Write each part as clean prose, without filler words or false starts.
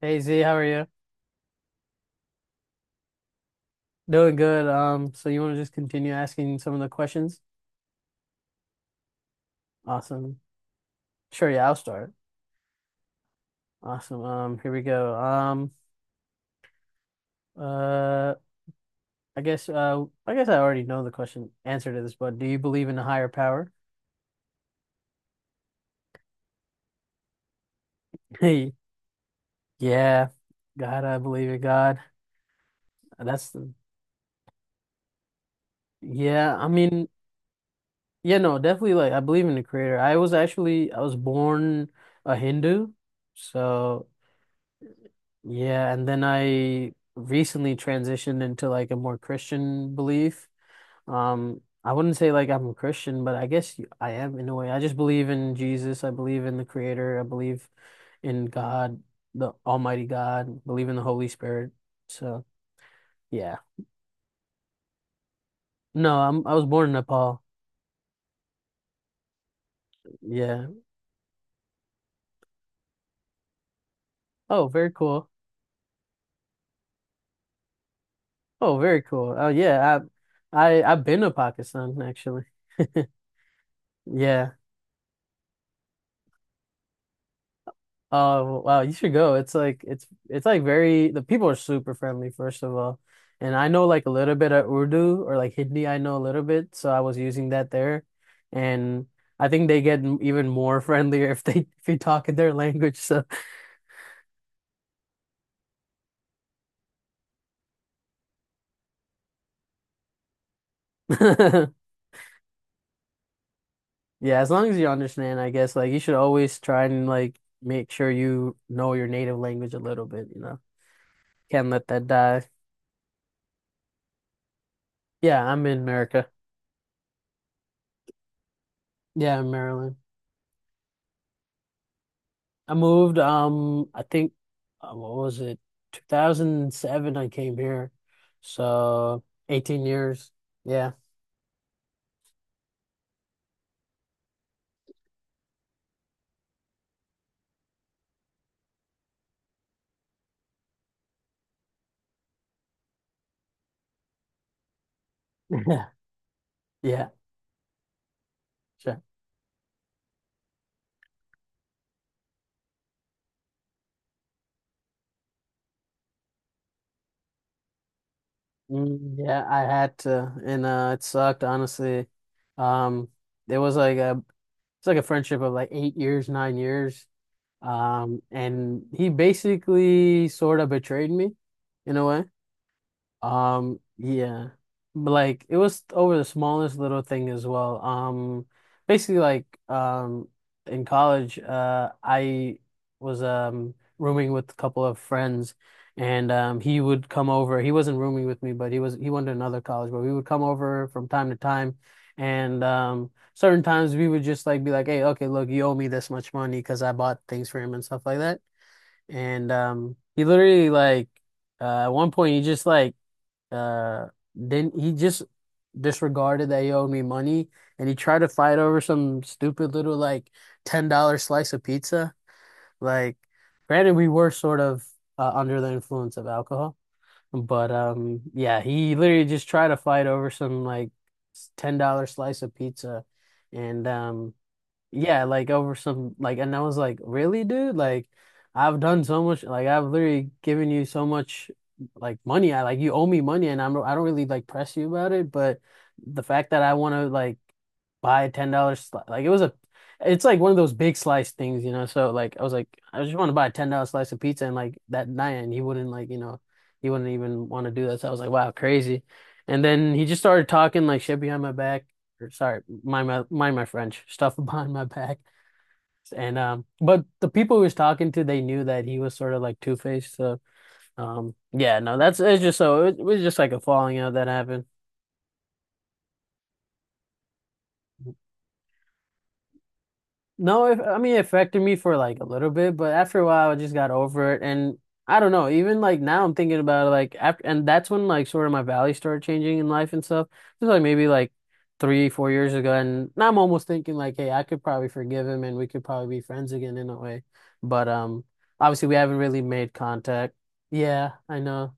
Hey Z, how are you? Doing good. So you want to just continue asking some of the questions? Awesome. Sure, yeah, I'll start. Awesome. Here we go. Uh, I guess I guess I already know the question answer to this, but do you believe in a higher power? Hey, yeah. God, I believe in God. That's the yeah, I mean, yeah, no, definitely like I believe in the creator. I was born a Hindu, so. Yeah, and then I recently transitioned into like a more Christian belief. I wouldn't say like I'm a Christian, but I guess I am in a way. I just believe in Jesus. I believe in the Creator. I believe in God, the Almighty God. Believe in the Holy Spirit. So yeah. No, I'm I was born in Nepal. Yeah. Oh, very cool. Oh, very cool. Oh yeah. I've been to Pakistan actually. Yeah. Oh wow, you should go. It's like very the people are super friendly first of all. And I know like a little bit of Urdu or like Hindi, I know a little bit, so I was using that there. And I think they get even more friendlier if you talk in their language. So yeah, as long as you understand, I guess like you should always try and like make sure you know your native language a little bit, you know. Can't let that die. Yeah, I'm in America. Yeah, I Maryland. I moved, I think, what was it? 2007 I came here. So 18 years. Yeah. Yeah. Yeah. Sure. Mm, yeah, I had to and it sucked honestly. Um it was like a it's like a friendship of like 8 years, 9 years. And he basically sort of betrayed me in a way. Um, yeah. But like it was over the smallest little thing as well. Basically like in college, I was rooming with a couple of friends and he would come over. He wasn't rooming with me, but he went to another college, but we would come over from time to time and certain times we would just like be like, "Hey, okay, look, you owe me this much money because I bought things for him and stuff like that." And he literally like at one point, uh, he just disregarded that he owed me money, and he tried to fight over some stupid little like $10 slice of pizza. Like, granted, we were sort of under the influence of alcohol, but yeah, he literally just tried to fight over some like $10 slice of pizza, and. Yeah, like over some like and I was like, "Really, dude? Like I've done so much like I've literally given you so much like money. I like you owe me money and I don't really like press you about it, but the fact that I want to like buy a $10 slice like it was a it's like one of those big slice things, you know. So like I was like I just want to buy a $10 slice of pizza and like that night and he wouldn't like, you know, he wouldn't even want to do that. So I was like, "Wow, crazy." And then he just started talking like shit behind my back or sorry, mind my French stuff behind my back. And but the people he was talking to, they knew that he was sort of like Two-Faced. So yeah, no, that's it's just so it was just like a falling out that happened. No, it, I mean, it affected me for like a little bit, but after a while, I just got over it. And I don't know, even like now I'm thinking about it, like after, and that's when like sort of my values started changing in life and stuff. It was like maybe like three, four years ago. And now I'm almost thinking like, hey, I could probably forgive him and we could probably be friends again in a way. But obviously we haven't really made contact. Yeah, I know.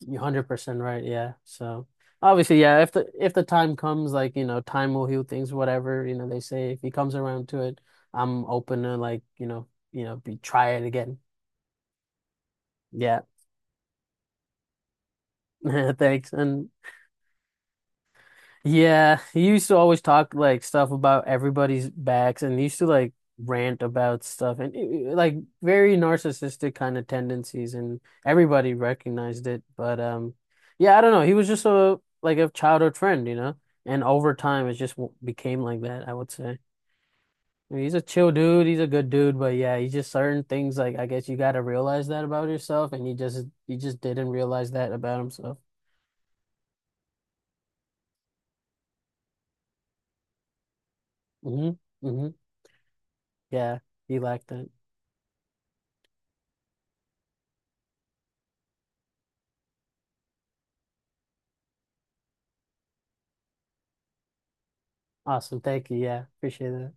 You're 100% right. Yeah. So obviously, yeah, if the time comes, like, you know, time will heal things, whatever, you know, they say if he comes around to it, I'm open to like, you know, be try it again. Yeah. Thanks. And yeah, he used to always talk like stuff about everybody's backs and used to like rant about stuff and like very narcissistic kind of tendencies and everybody recognized it. But yeah, I don't know. He was just a like a childhood friend, you know? And over time it just became like that, I would say. I mean, he's a chill dude, he's a good dude, but yeah, he's just certain things like I guess you got to realize that about yourself and he just didn't realize that about himself. Mhm. Mhm. Yeah, he lacked that. Awesome. Thank you. Yeah, appreciate that.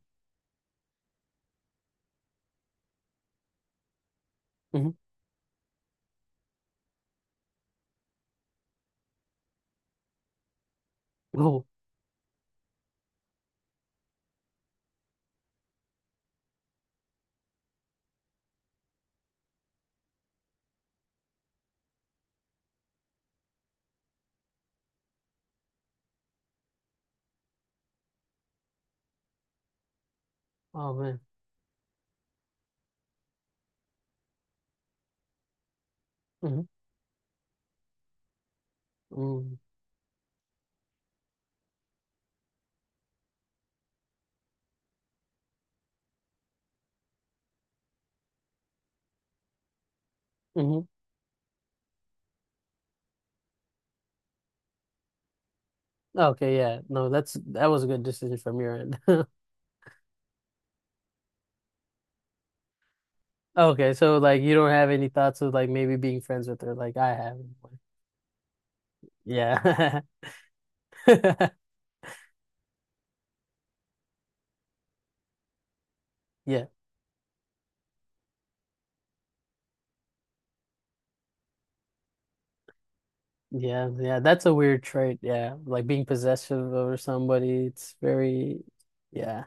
Hmm. Oh, oh man. Hmm. Mm. Hmm. Okay, yeah. No, that's that was a good decision from your end. Okay, so like you don't have any thoughts of like maybe being friends with her like I have. Yeah. Yeah. Yeah, yeah, that's a weird trait. Yeah, like being possessive over somebody, it's very, yeah,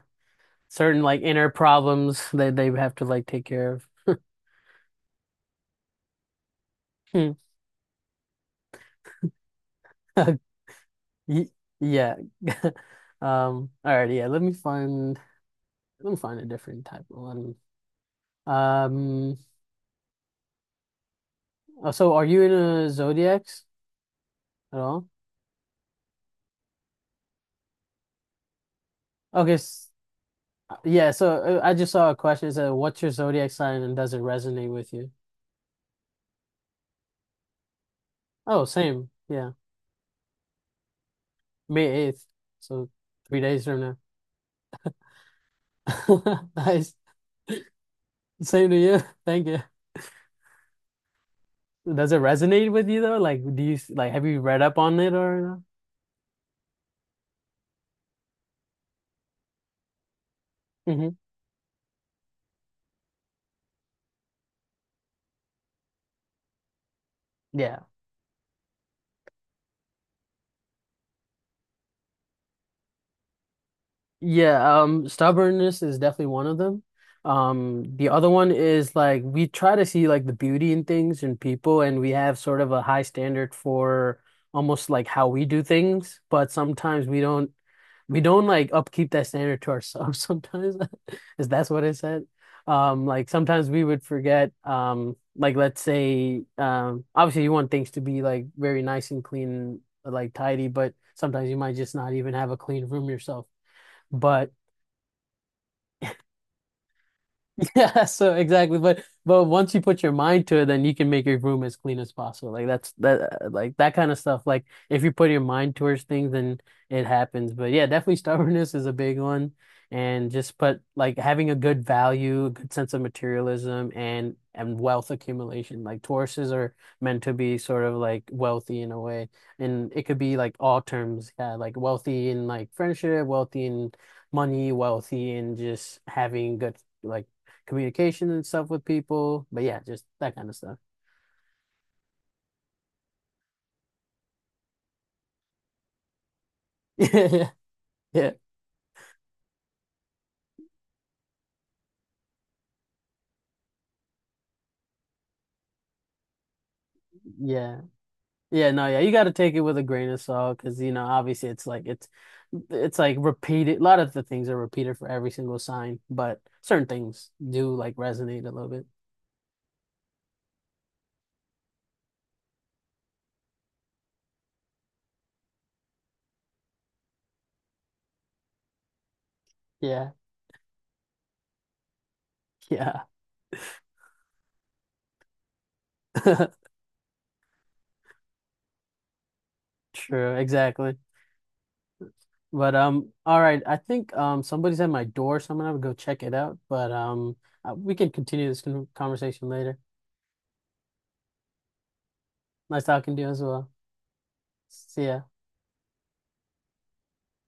certain like inner problems that they have to like take care of. Hmm. Y- Yeah. All right, yeah, let me find I'm gonna find a different type of one. Um. Oh, So, are you in a zodiacs at all? Okay. Yeah. So, I just saw a question. It said, "What's your zodiac sign, and does it resonate with you?" Oh, same. Yeah. May 8th. So, three days from now. Nice. Same to you. Thank you. Does it resonate with you though? Like, do you like have you read up on it or? Mm-hmm. Yeah. Yeah, stubbornness is definitely one of them. The other one is like we try to see like the beauty in things and people, and we have sort of a high standard for almost like how we do things, but sometimes we don't like upkeep that standard to ourselves sometimes. Is that's what I said? Like sometimes we would forget, like let's say, obviously you want things to be like very nice and clean, like tidy, but sometimes you might just not even have a clean room yourself. But yeah, so exactly. But once you put your mind to it, then you can make your room as clean as possible. Like that's that like that kind of stuff. Like if you put your mind towards things, then it happens. But yeah, definitely stubbornness is a big one. And just put like having a good value, a good sense of materialism and wealth accumulation. Like Tauruses are meant to be sort of like wealthy in a way. And it could be like all terms, yeah, like wealthy in like friendship, wealthy in money, wealthy in just having good like communication and stuff with people. But yeah, just that kind of stuff. Yeah. Yeah. Yeah. Yeah, no, yeah, you got to take it with a grain of salt because you know, obviously, it's like repeated. A lot of the things are repeated for every single sign, but certain things do like resonate a little bit. Yeah, yeah, true, exactly. But all right, I think somebody's at my door, so I'm gonna have to go check it out. But we can continue this conversation later. Nice talking to you as well. See ya.